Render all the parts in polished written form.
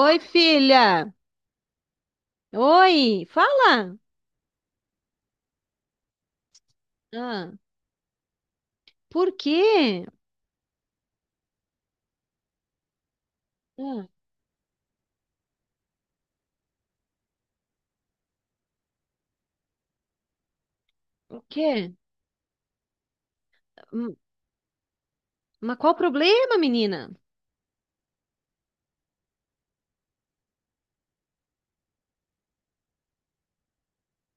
Oi, filha. Oi, fala. Ah, por quê? Ah, o quê? Hum, Mas qual o problema, menina?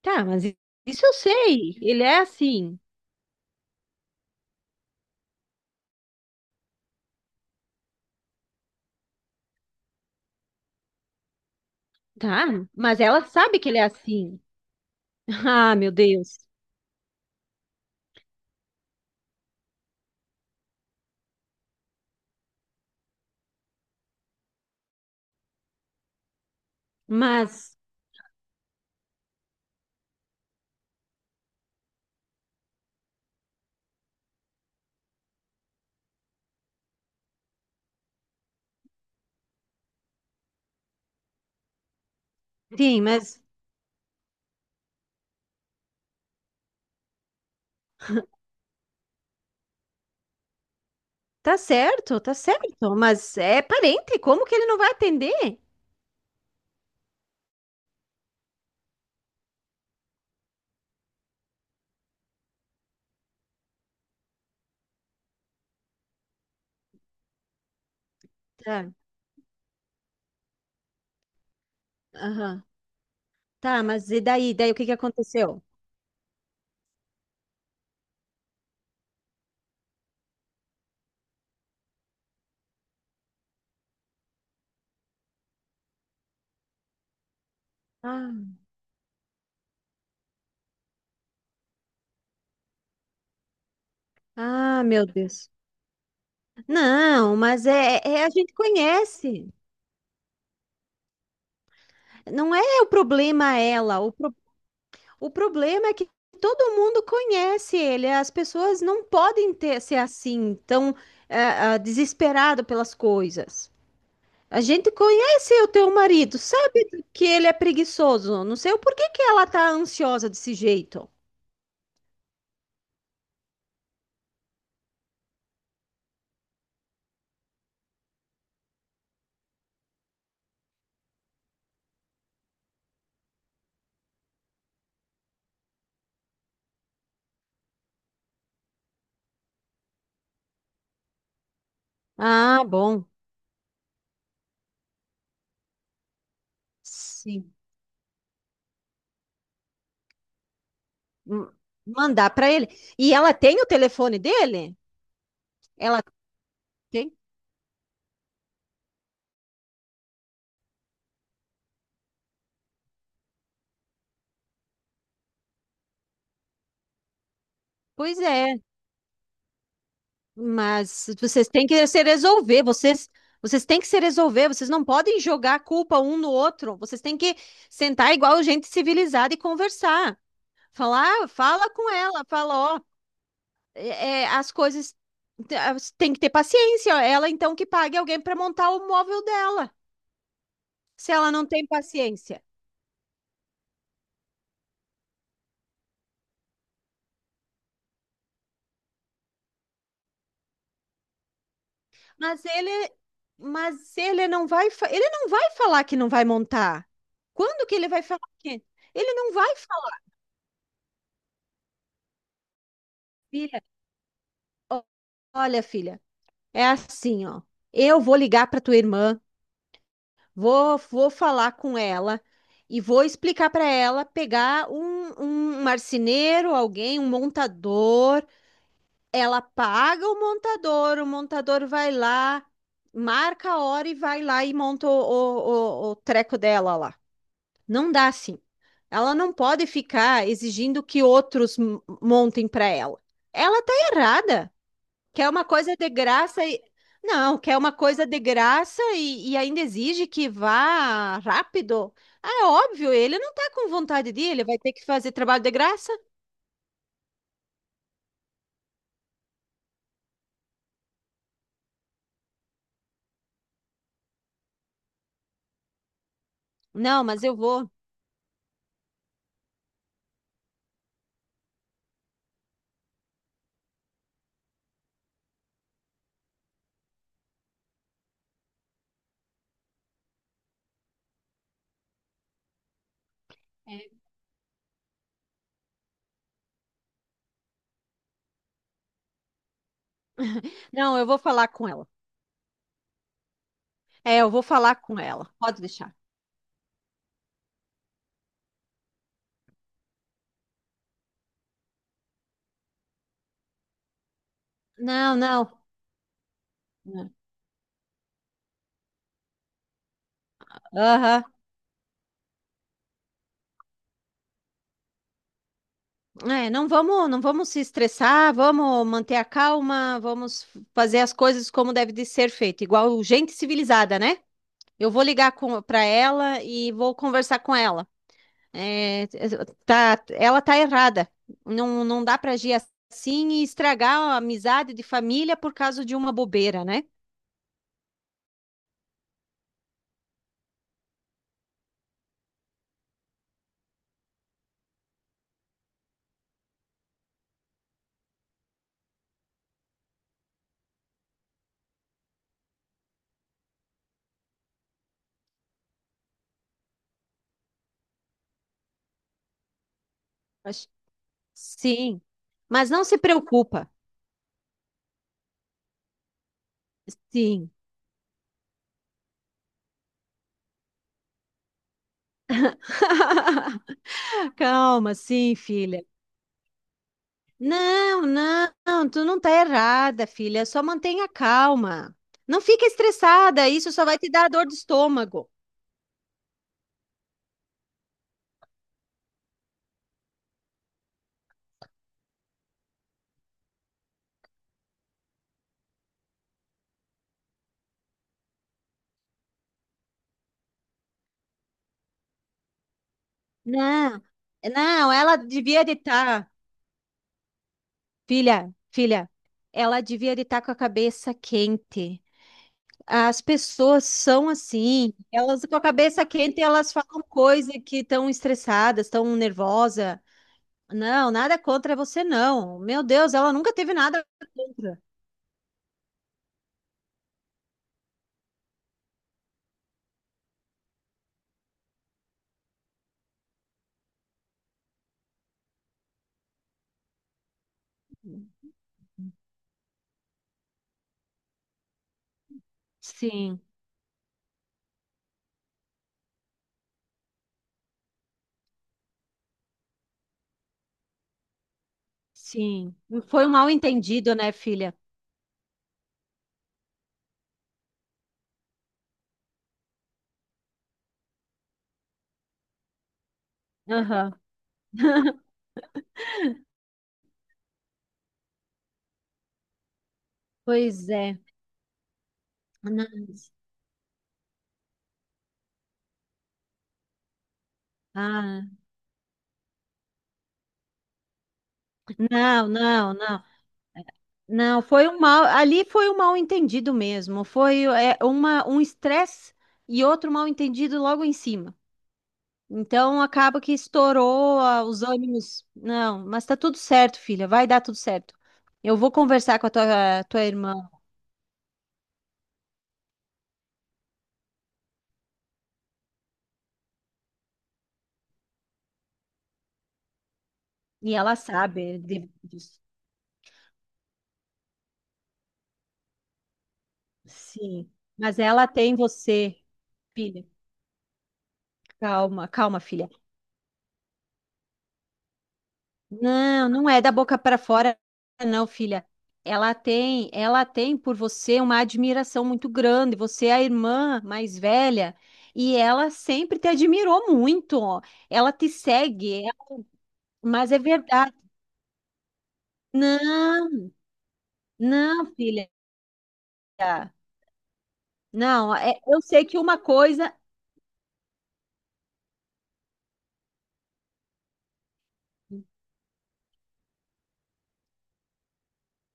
Tá, isso eu sei. Ele é assim. Tá, mas ela sabe que ele é assim. Ah, meu Deus. Mas, sim, mas tá certo, tá certo. Mas é parente, como que ele não vai atender? Tá, aham. Tá, mas e daí? Daí o que que aconteceu? Ah, ah, meu Deus. Não, mas é, a gente conhece. Não é o problema ela. O problema é que todo mundo conhece ele. As pessoas não podem ter ser assim, tão é, é, desesperado pelas coisas. A gente conhece o teu marido, sabe que ele é preguiçoso. Não sei o porquê que ela tá ansiosa desse jeito. Ah, bom. Sim. M- Mandar para ele. E ela tem o telefone dele? Ela tem? Pois é. Mas vocês têm que se resolver, vocês têm que se resolver, vocês não podem jogar a culpa um no outro. Vocês têm que sentar igual gente civilizada e conversar. Falar, "Ah, fala com ela, fala, ó, é, as coisas tem que ter paciência. Ela então que pague alguém para montar o móvel dela, se ela não tem paciência. Mas ele, mas ele ele não vai falar que não vai montar. Quando que ele vai falar que? Ele não vai falar, filha. Ó, olha, filha. É assim, ó. Eu vou ligar para tua irmã, vou falar com ela e vou explicar para ela pegar um marceneiro, alguém, um montador. Ela paga o montador vai lá, marca a hora e vai lá e monta o treco dela lá. Não dá assim. Ela não pode ficar exigindo que outros montem para ela. Ela tá errada. Quer uma coisa de graça e. Não, quer uma coisa de graça e ainda exige que vá rápido. Ah, é óbvio, ele não tá com vontade de ir, ele vai ter que fazer trabalho de graça. Não, mas eu vou. É. Não, eu vou falar com ela. É, eu vou falar com ela. Pode deixar. Não, não. Aham. É, não vamos, não vamos se estressar, vamos manter a calma, vamos fazer as coisas como deve de ser feito, igual gente civilizada, né? Eu vou para ela e vou conversar com ela. É, tá, ela tá errada. Não, não dá para agir assim e estragar a amizade de família por causa de uma bobeira, né? Acho- Sim, mas não se preocupa. Sim. Calma, sim, filha. Não, não, tu não tá errada, filha. Só mantenha calma. Não fica estressada, isso só vai te dar dor de estômago. Não, não, ela devia de estar. Filha, ela devia estar com a cabeça quente. As pessoas são assim, elas com a cabeça quente, elas falam coisa que estão estressadas, estão nervosa. Não, nada contra você, não. Meu Deus, ela nunca teve nada contra. Sim, sim. Foi um mal entendido, né, filha? Aham. Pois é. Não, ah, não, não, não. Não, foi um mal, ali foi um mal entendido mesmo. Foi é, uma, um estresse e outro mal entendido logo em cima. Então acaba que estourou os ânimos. Não, mas tá tudo certo, filha. Vai dar tudo certo. Eu vou conversar com a tua irmã e ela sabe disso. Sim, mas ela tem você, filha. Calma, calma, filha. Não, não é da boca para fora, não, filha. Ela tem por você uma admiração muito grande. Você é a irmã mais velha e ela sempre te admirou muito. Ela te segue, ela- Mas é verdade. Não, não, filha. Não, eu sei que uma coisa,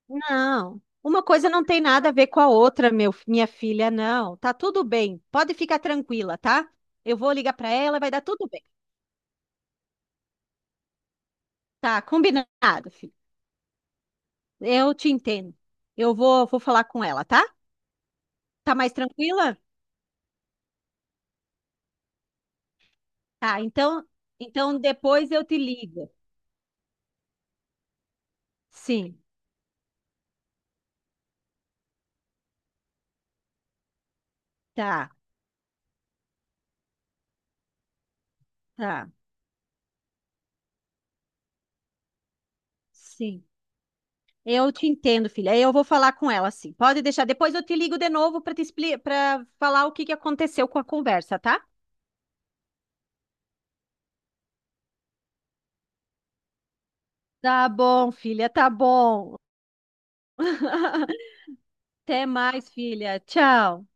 não. Uma coisa não tem nada a ver com a outra, meu, minha filha, não. Tá tudo bem. Pode ficar tranquila, tá? Eu vou ligar para ela, vai dar tudo bem. Tá, combinado, filho. Eu te entendo. Vou falar com ela, tá? Tá mais tranquila? Tá, então, então depois eu te ligo. Sim, tá, tá. Sim. Eu te entendo, filha. Eu vou falar com ela, sim. Pode deixar. Depois eu te ligo de novo para te explicar, para falar o que que aconteceu com a conversa, tá? Tá bom, filha, tá bom. Até mais, filha. Tchau.